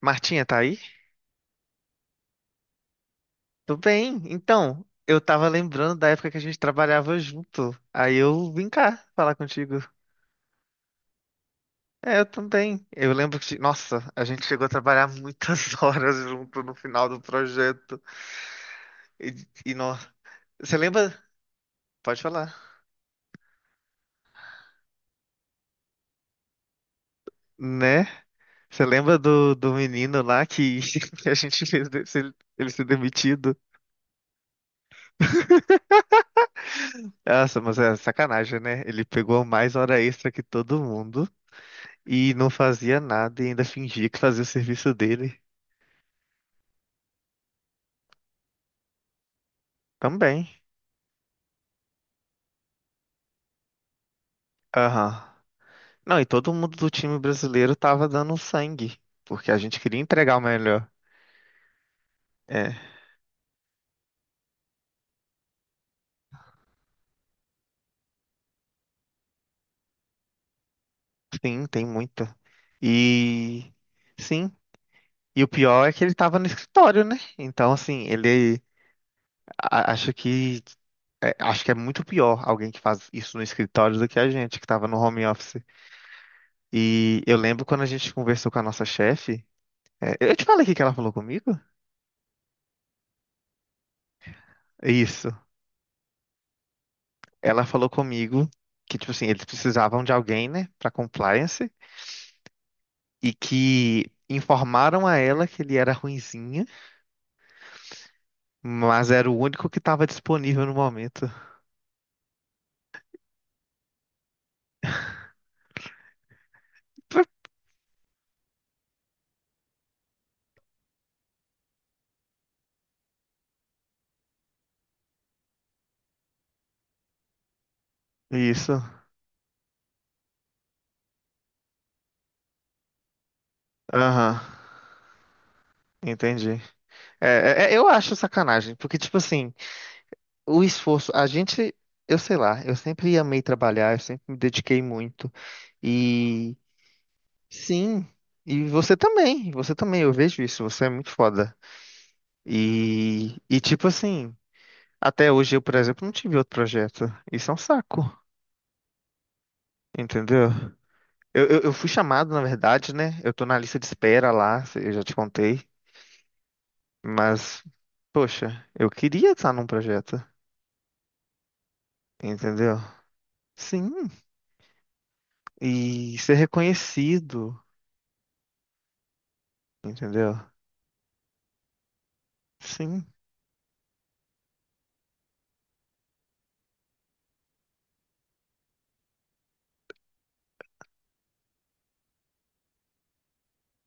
Martinha, tá aí? Tudo bem. Então, eu tava lembrando da época que a gente trabalhava junto. Aí eu vim cá falar contigo. É, eu também. Eu lembro que, nossa, a gente chegou a trabalhar muitas horas junto no final do projeto. E, e nó- Você lembra? Pode falar. Né? Você lembra do menino lá que, que a gente fez ele ser demitido? Nossa, mas é sacanagem, né? Ele pegou mais hora extra que todo mundo. E não fazia nada e ainda fingia que fazia o serviço dele também. Aham. Não, e todo mundo do time brasileiro tava dando sangue, porque a gente queria entregar o melhor. É, sim, tem muita. E sim, e o pior é que ele tava no escritório, né? Então, assim, a- acho que acho que é muito pior alguém que faz isso no escritório do que a gente, que tava no home office. E eu lembro quando a gente conversou com a nossa chefe. É, eu te falei o que que ela falou comigo? Isso. Ela falou comigo que, tipo assim, eles precisavam de alguém, né, pra compliance, e que informaram a ela que ele era ruinzinha, mas era o único que tava disponível no momento. Isso. Aham. Entendi. É, eu acho sacanagem, porque, tipo assim, o esforço, a gente, eu sei lá, eu sempre amei trabalhar, eu sempre me dediquei muito. E sim, e você também, eu vejo isso, você é muito foda. E tipo assim. Até hoje eu, por exemplo, não tive outro projeto. Isso é um saco, entendeu? Eu fui chamado, na verdade, né? Eu tô na lista de espera lá, eu já te contei. Mas, poxa, eu queria estar num projeto, entendeu? Sim, e ser reconhecido, entendeu? Sim,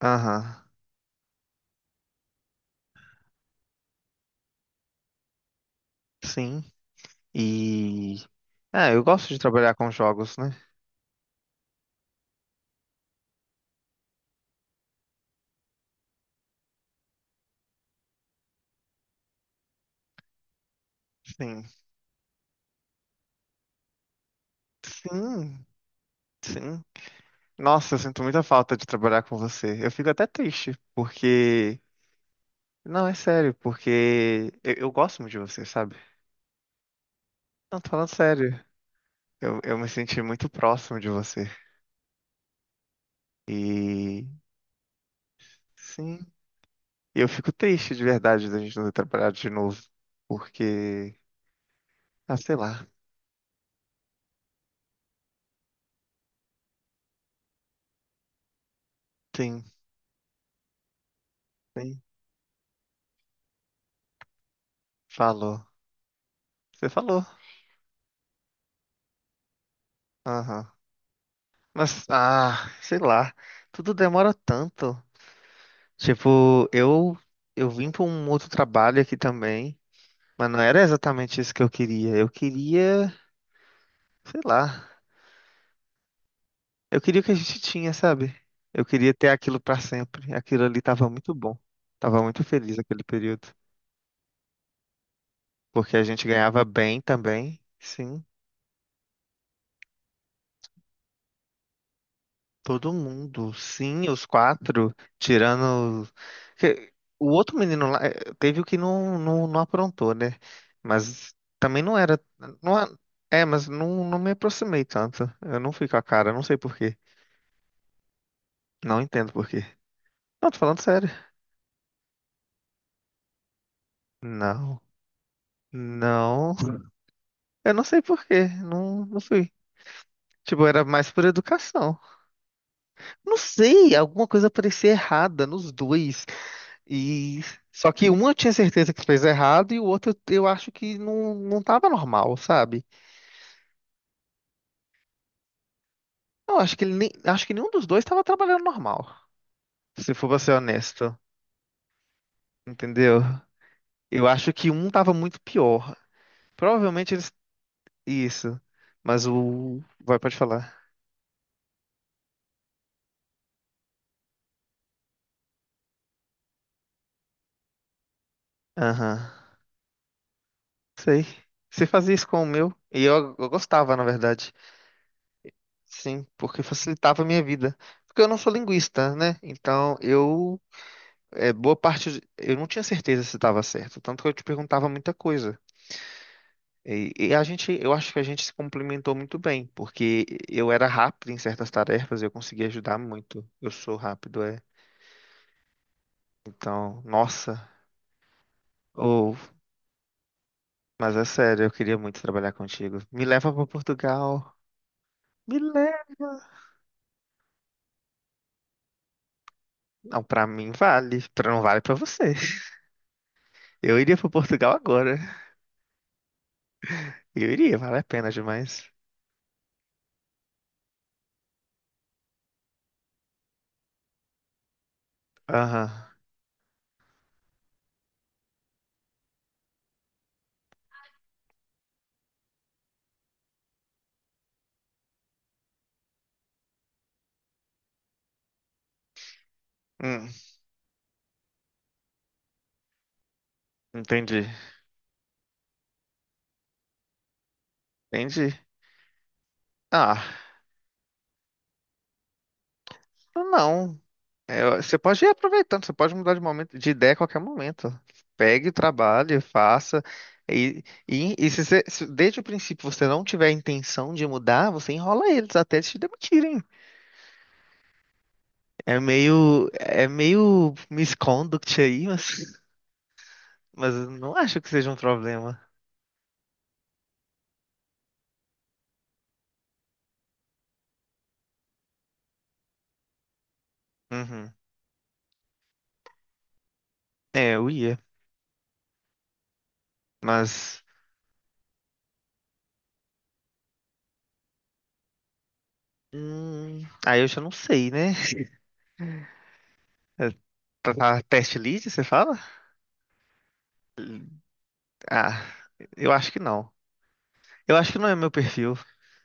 aham, sim. E. Ah, eu gosto de trabalhar com jogos, né? Sim, sim, sim. Nossa, eu sinto muita falta de trabalhar com você. Eu fico até triste, porque. Não, é sério, porque eu gosto muito de você, sabe? Não, tô falando sério. Eu me senti muito próximo de você. E sim, eu fico triste de verdade da gente não ter trabalhado de novo. Porque, ah, sei lá. Sim, sim. Falou. Você falou. Aham. Mas, ah, sei lá. Tudo demora tanto. Tipo, eu vim pra um outro trabalho aqui também. Mas não era exatamente isso que eu queria. Eu queria, sei lá. Eu queria o que a gente tinha, sabe? Eu queria ter aquilo pra sempre. Aquilo ali tava muito bom. Tava muito feliz aquele período. Porque a gente ganhava bem também. Sim, todo mundo. Sim, os quatro. Tirando. que- O outro menino lá teve o que não aprontou, né? Mas também não era. Não, a- É, mas não, não me aproximei tanto. Eu não fui com a cara, não sei por quê. Não entendo por quê. Não, tô falando sério. Não. Não. Eu não sei por quê, não, não fui. Tipo, era mais por educação. Não sei, alguma coisa parecia errada nos dois. E só que um eu tinha certeza que fez errado e o outro eu acho que não, não tava normal, sabe? Eu acho que ele nem, acho que nenhum dos dois tava trabalhando normal. Se for pra ser honesto, entendeu? Eu acho que um tava muito pior. Provavelmente eles isso, mas o vai pode falar. Aham. Sei. Você fazia isso com o meu e eu gostava, na verdade. Sim, porque facilitava a minha vida. Porque eu não sou linguista, né? Então eu, é, boa parte, eu não tinha certeza se estava certo, tanto que eu te perguntava muita coisa. E a gente, eu acho que a gente se complementou muito bem, porque eu era rápido em certas tarefas, eu conseguia ajudar muito. Eu sou rápido, é. Então, nossa, ou, mas é sério, eu queria muito trabalhar contigo. Me leva para Portugal. Me leva. Não, para mim vale, para não vale para você. Eu iria para Portugal agora. Eu iria, vale a pena demais. Aham. Hum, entendi. Entendi. Ah, não. É, você pode ir aproveitando, você pode mudar de momento, de ideia a qualquer momento. Pegue, trabalhe, faça. E se você, se desde o princípio você não tiver a intenção de mudar, você enrola eles até eles te demitirem. É meio misconduct aí, mas eu não acho que seja um problema. Uhum. É, eu ia, mas hum, aí eu já não sei, né? Pra test lead, você fala? Ah, eu acho que não. Eu acho que não é meu perfil.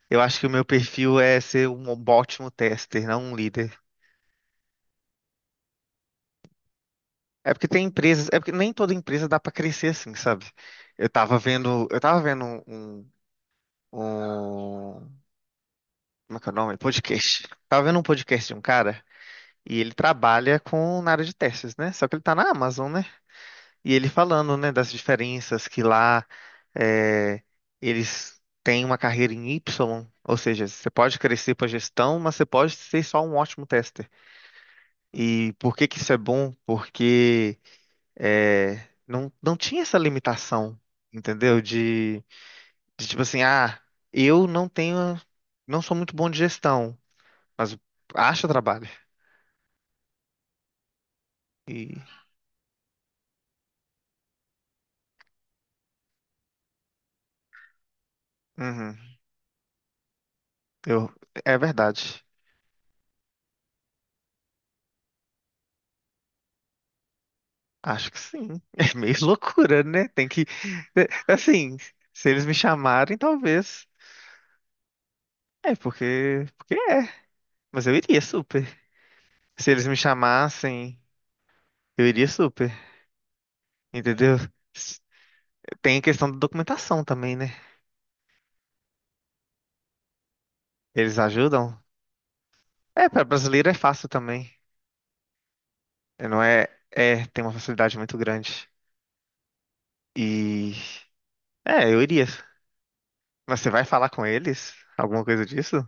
Eu acho que o meu perfil é ser um ótimo tester, não um líder. É porque tem empresas, é porque nem toda empresa dá pra crescer assim, sabe? Eu tava vendo um, como é que é o nome? Podcast. Tava vendo um podcast de um cara e ele trabalha com na área de testes, né? Só que ele tá na Amazon, né? E ele falando, né, das diferenças que lá é, eles têm uma carreira em Y, ou seja, você pode crescer para gestão, mas você pode ser só um ótimo tester. E por que que isso é bom? Porque é, não tinha essa limitação, entendeu? De tipo assim, ah, eu não tenho, não sou muito bom de gestão, mas acho trabalho. E, uhum, eu, é verdade. Acho que sim. É meio loucura, né? Tem que. É, assim, se eles me chamarem, talvez. É, porque. Porque é. Mas eu iria super. Se eles me chamassem, eu iria super. Entendeu? S- Tem a questão da documentação também, né? Eles ajudam. É, para brasileiro é fácil também. É, não é. É, tem uma facilidade muito grande. E. É, eu iria. Mas você vai falar com eles? Alguma coisa disso?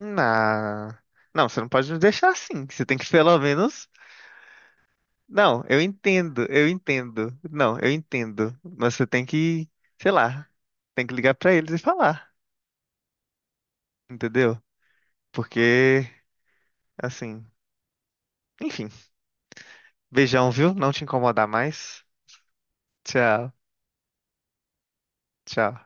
Na. Não, você não pode me deixar assim. Você tem que pelo menos. Não, eu entendo, eu entendo. Não, eu entendo. Mas você tem que, sei lá, tem que ligar pra eles e falar, entendeu? Porque, assim, enfim. Beijão, viu? Não te incomodar mais. Tchau, tchau.